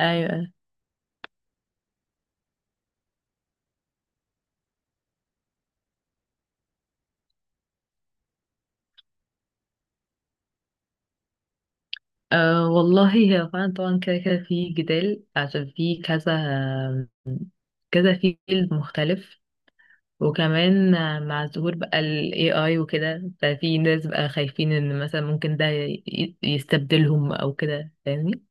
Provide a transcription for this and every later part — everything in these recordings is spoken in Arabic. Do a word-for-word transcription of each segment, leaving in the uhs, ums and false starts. ايوه. أه والله هي فعلا طبعا كده كده في جدال عشان في كذا كذا فيل مختلف. وكمان آه، مع ظهور بقى ال A I وكده. ففي ناس بقى خايفين ان مثلا ممكن ده ي- يستبدلهم او كده، فاهمني.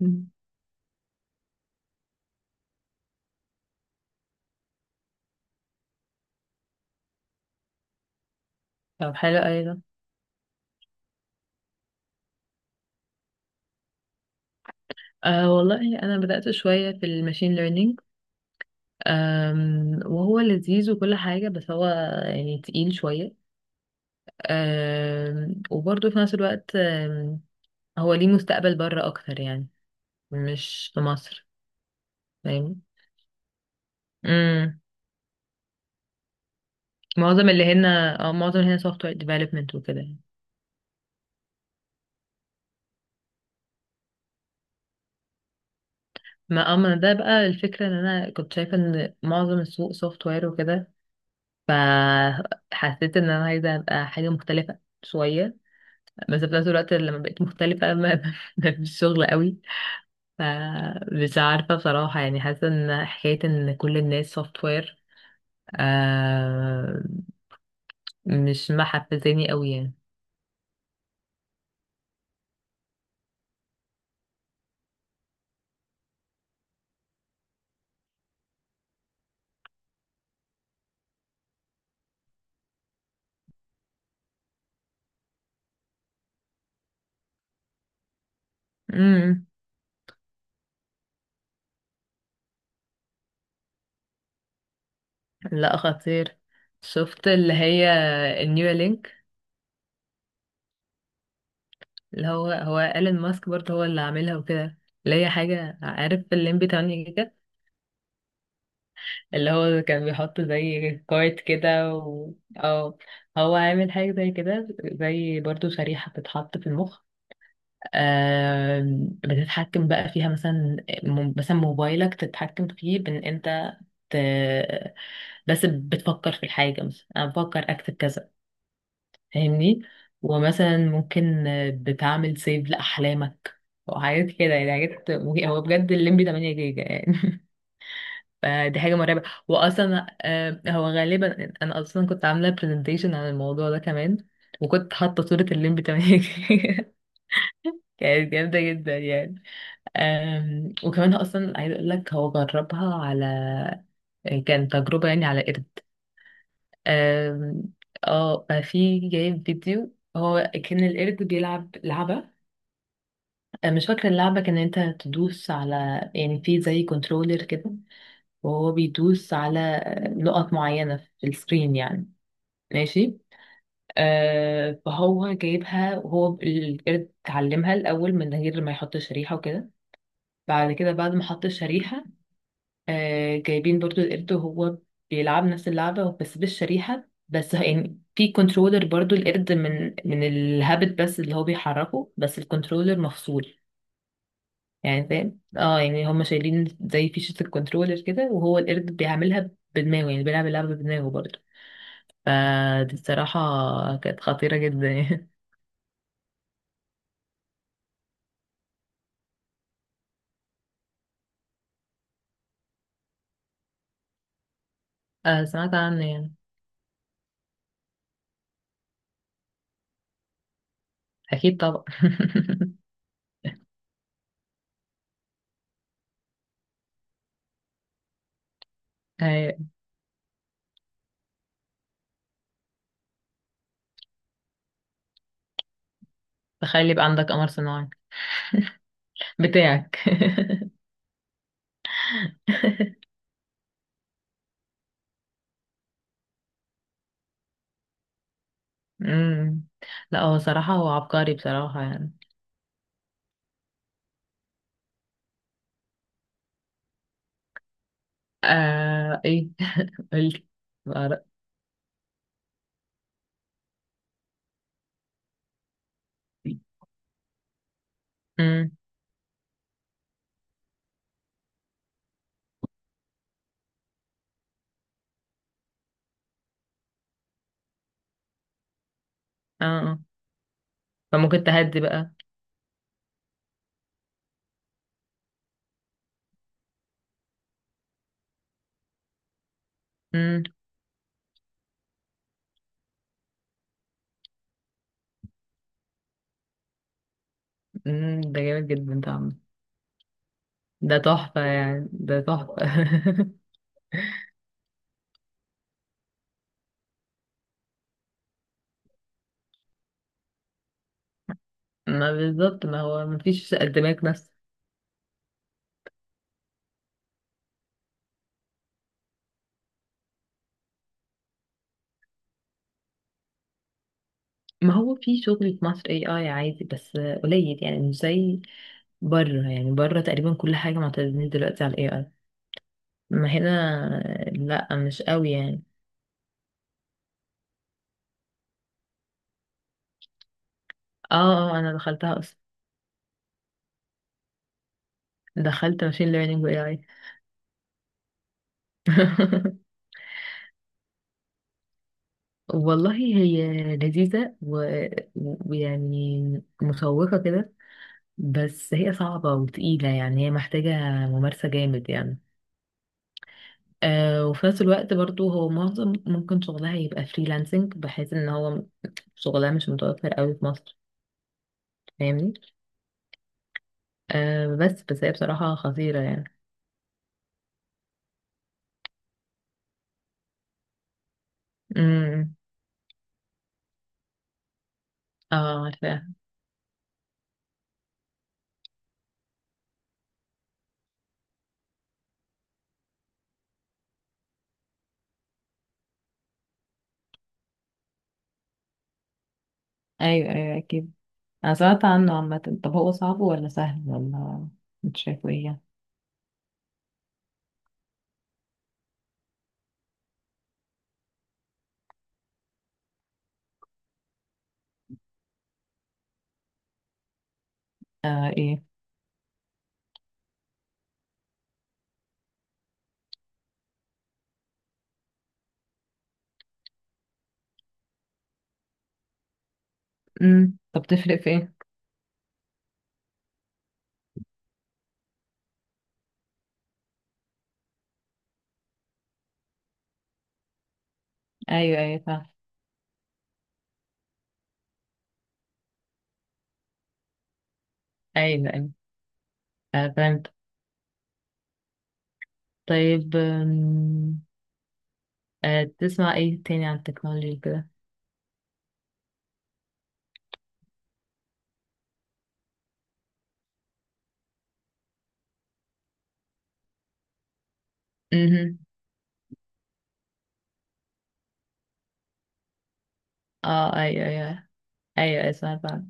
مم. طب حلو ايضا. أه والله انا بدأت شوية في الماشين ليرنينج. أم، وهو لذيذ وكل حاجة، بس هو يعني تقيل شوية. أم، وبرضه في نفس الوقت أم، هو ليه مستقبل بره اكتر، يعني مش في مصر. فاهم. امم. معظم اللي هنا اه معظم اللي هنا سوفت وير ديفلوبمنت وكده يعني. ما اما ده بقى الفكرة ان انا كنت شايفة ان معظم السوق سوفت وير وكده، فحسيت ان انا عايزة ابقى حاجة مختلفة شوية. بس في نفس الوقت لما بقيت مختلفة، ما ما فيش شغل قوي. فمش عارفة بصراحة، يعني حاسة ان حكاية ان كل الناس سوفت وير آه مش محفزاني قوي يعني. لا، خطير. شفت اللي هي النيو لينك، اللي هو هو ايلون ماسك برضه هو اللي عاملها وكده، اللي هي حاجة. عارف الليمبي ثمانية جيجا؟ اللي هو كان بيحط زي كارت كده و... أو هو عامل حاجة زي كده، زي برضه شريحة بتتحط في المخ. آم، بتتحكم بقى فيها، مثلا م- مثلا موبايلك تتحكم فيه بان انت ت... بس بتفكر في الحاجة، مثلا انا بفكر اكتب كذا، فاهمني. ومثلا ممكن آه، بتعمل سيف لأحلامك وحاجات كده، يعني حاجات مج- هو بجد الليمبي ثمانية جيجا يعني. فدي حاجة مرعبة. وأصلا آه، هو غالبا أنا أصلا كنت عاملة برزنتيشن عن الموضوع ده كمان، وكنت حاطة صورة الليمبي ثمانية جيجا. كانت جامدة جدا يعني. آم، وكمان هو أصلا عايز أقول لك، هو جربها على، كان تجربة يعني على قرد. آم، اه ففي جايب فيديو، هو كان القرد بيلعب لعبة. آه، مش فاكرة اللعبة، كان انت تدوس على يعني، في زي كنترولر كده وهو بيدوس على آه، نقط معينة في السكرين يعني. ماشي. آه فهو جايبها، وهو القرد اتعلمها الأول من غير ما يحط شريحة وكده. بعد كده بعد ما حط الشريحة، آه جايبين برضو القرد وهو بيلعب نفس اللعبة بس بالشريحة، بس يعني في كنترولر برضو القرد من من الهابت، بس اللي هو بيحركه، بس الكنترولر مفصول يعني، فاهم. اه يعني هم شايلين زي فيشة الكنترولر كده، وهو القرد بيعملها بدماغه، يعني بيلعب اللعبة بدماغه برضه. فدي الصراحة كانت خطيرة جدا يعني. آه سمعت عنه يعني. أكيد طبعا. أيوة. تخيل يبقى عندك قمر صناعي بتاعك. أمم. لا هو صراحة هو عبقري بصراحة يعني. آه ايه؟ قلت بقى رأيي. أمم. اه آه. فممكن تهدي بقى. أمم. أمم. ده جامد جدا طبعا. ده تحفة، يعني ده تحفة. ما بالظبط، ما هو ما فيش دماغ نفس. ما هو في شغل في مصر اي اي عادي، بس قليل يعني، مش زي بره. يعني بره تقريبا كل حاجة معتمدين دلوقتي على الاي اي. ما هنا لا، مش قوي يعني. اه اه، انا دخلتها اصلا. دخلت ماشين ليرنينج واي اي. والله هي لذيذة و- ويعني مشوقة كده، بس هي صعبة وتقيلة، يعني هي محتاجة ممارسة جامد يعني. آه وفي نفس الوقت برضو هو معظم ممكن شغلها يبقى فريلانسنج، بحيث ان هو شغلها مش متوفر قوي في مصر، فاهمني. آه بس بس هي بصراحة خطيرة يعني. امم. اه، عارفاها. ايوه ايوه اكيد. انا سمعت عنه عامة، طب هو صعب ولا سهل ولا؟ انت شايفه ايه يعني؟ آه ايه. امم. طب تفرق في ايه؟ ايوه ايوه فاهم. ايوه ايوه، آه فهمت. طيب، آم، آه تسمع ايه تاني عن التكنولوجي كده؟ امم. اه، ايوه ايوه. ايوه ايوه سمعت عنه.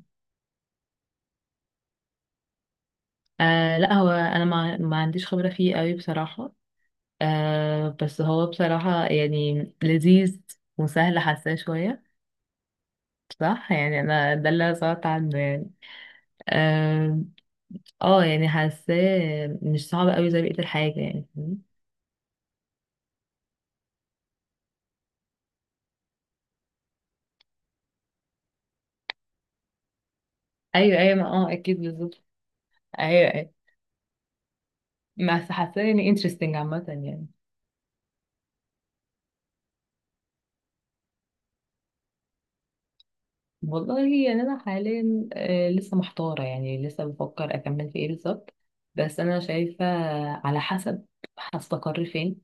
آه لا، هو انا ما, ما عنديش خبرة فيه قوي بصراحة. آه بس هو بصراحة يعني لذيذ وسهل، حاساه شوية صح يعني. انا ده اللي أنا سمعت عنه يعني. اه. آه، يعني حاساه مش صعب قوي زي بقية الحاجة، يعني فاهمني؟ ايوه ايوه، ما اه اكيد بالظبط. ايوه ايوه، بس حاساه يعني interesting عامة يعني. والله يعني انا حاليا آه لسه محتارة، يعني لسه بفكر اكمل في ايه بالظبط. بس انا شايفة، على حسب هستقر فين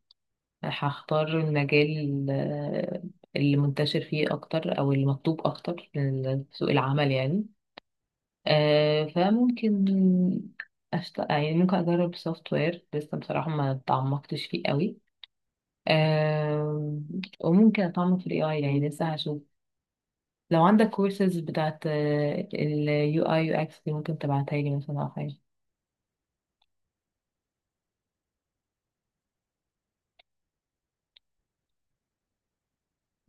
هختار المجال ال- اللي منتشر فيه أكتر أو اللي مطلوب أكتر في سوق العمل يعني. آه، فممكن أشت... يعني ممكن أجرب سوفت وير، لسه بصراحة ما تعمقتش فيه قوي. آه، وممكن أتعمق في ال إيه آي، يعني لسه هشوف. لو عندك كورسز بتاعت آه، ال يو آي U X دي، ممكن تبعتها لي مثلا أو حاجة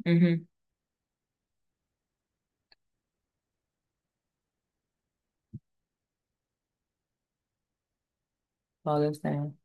مهم. خلاص تمام.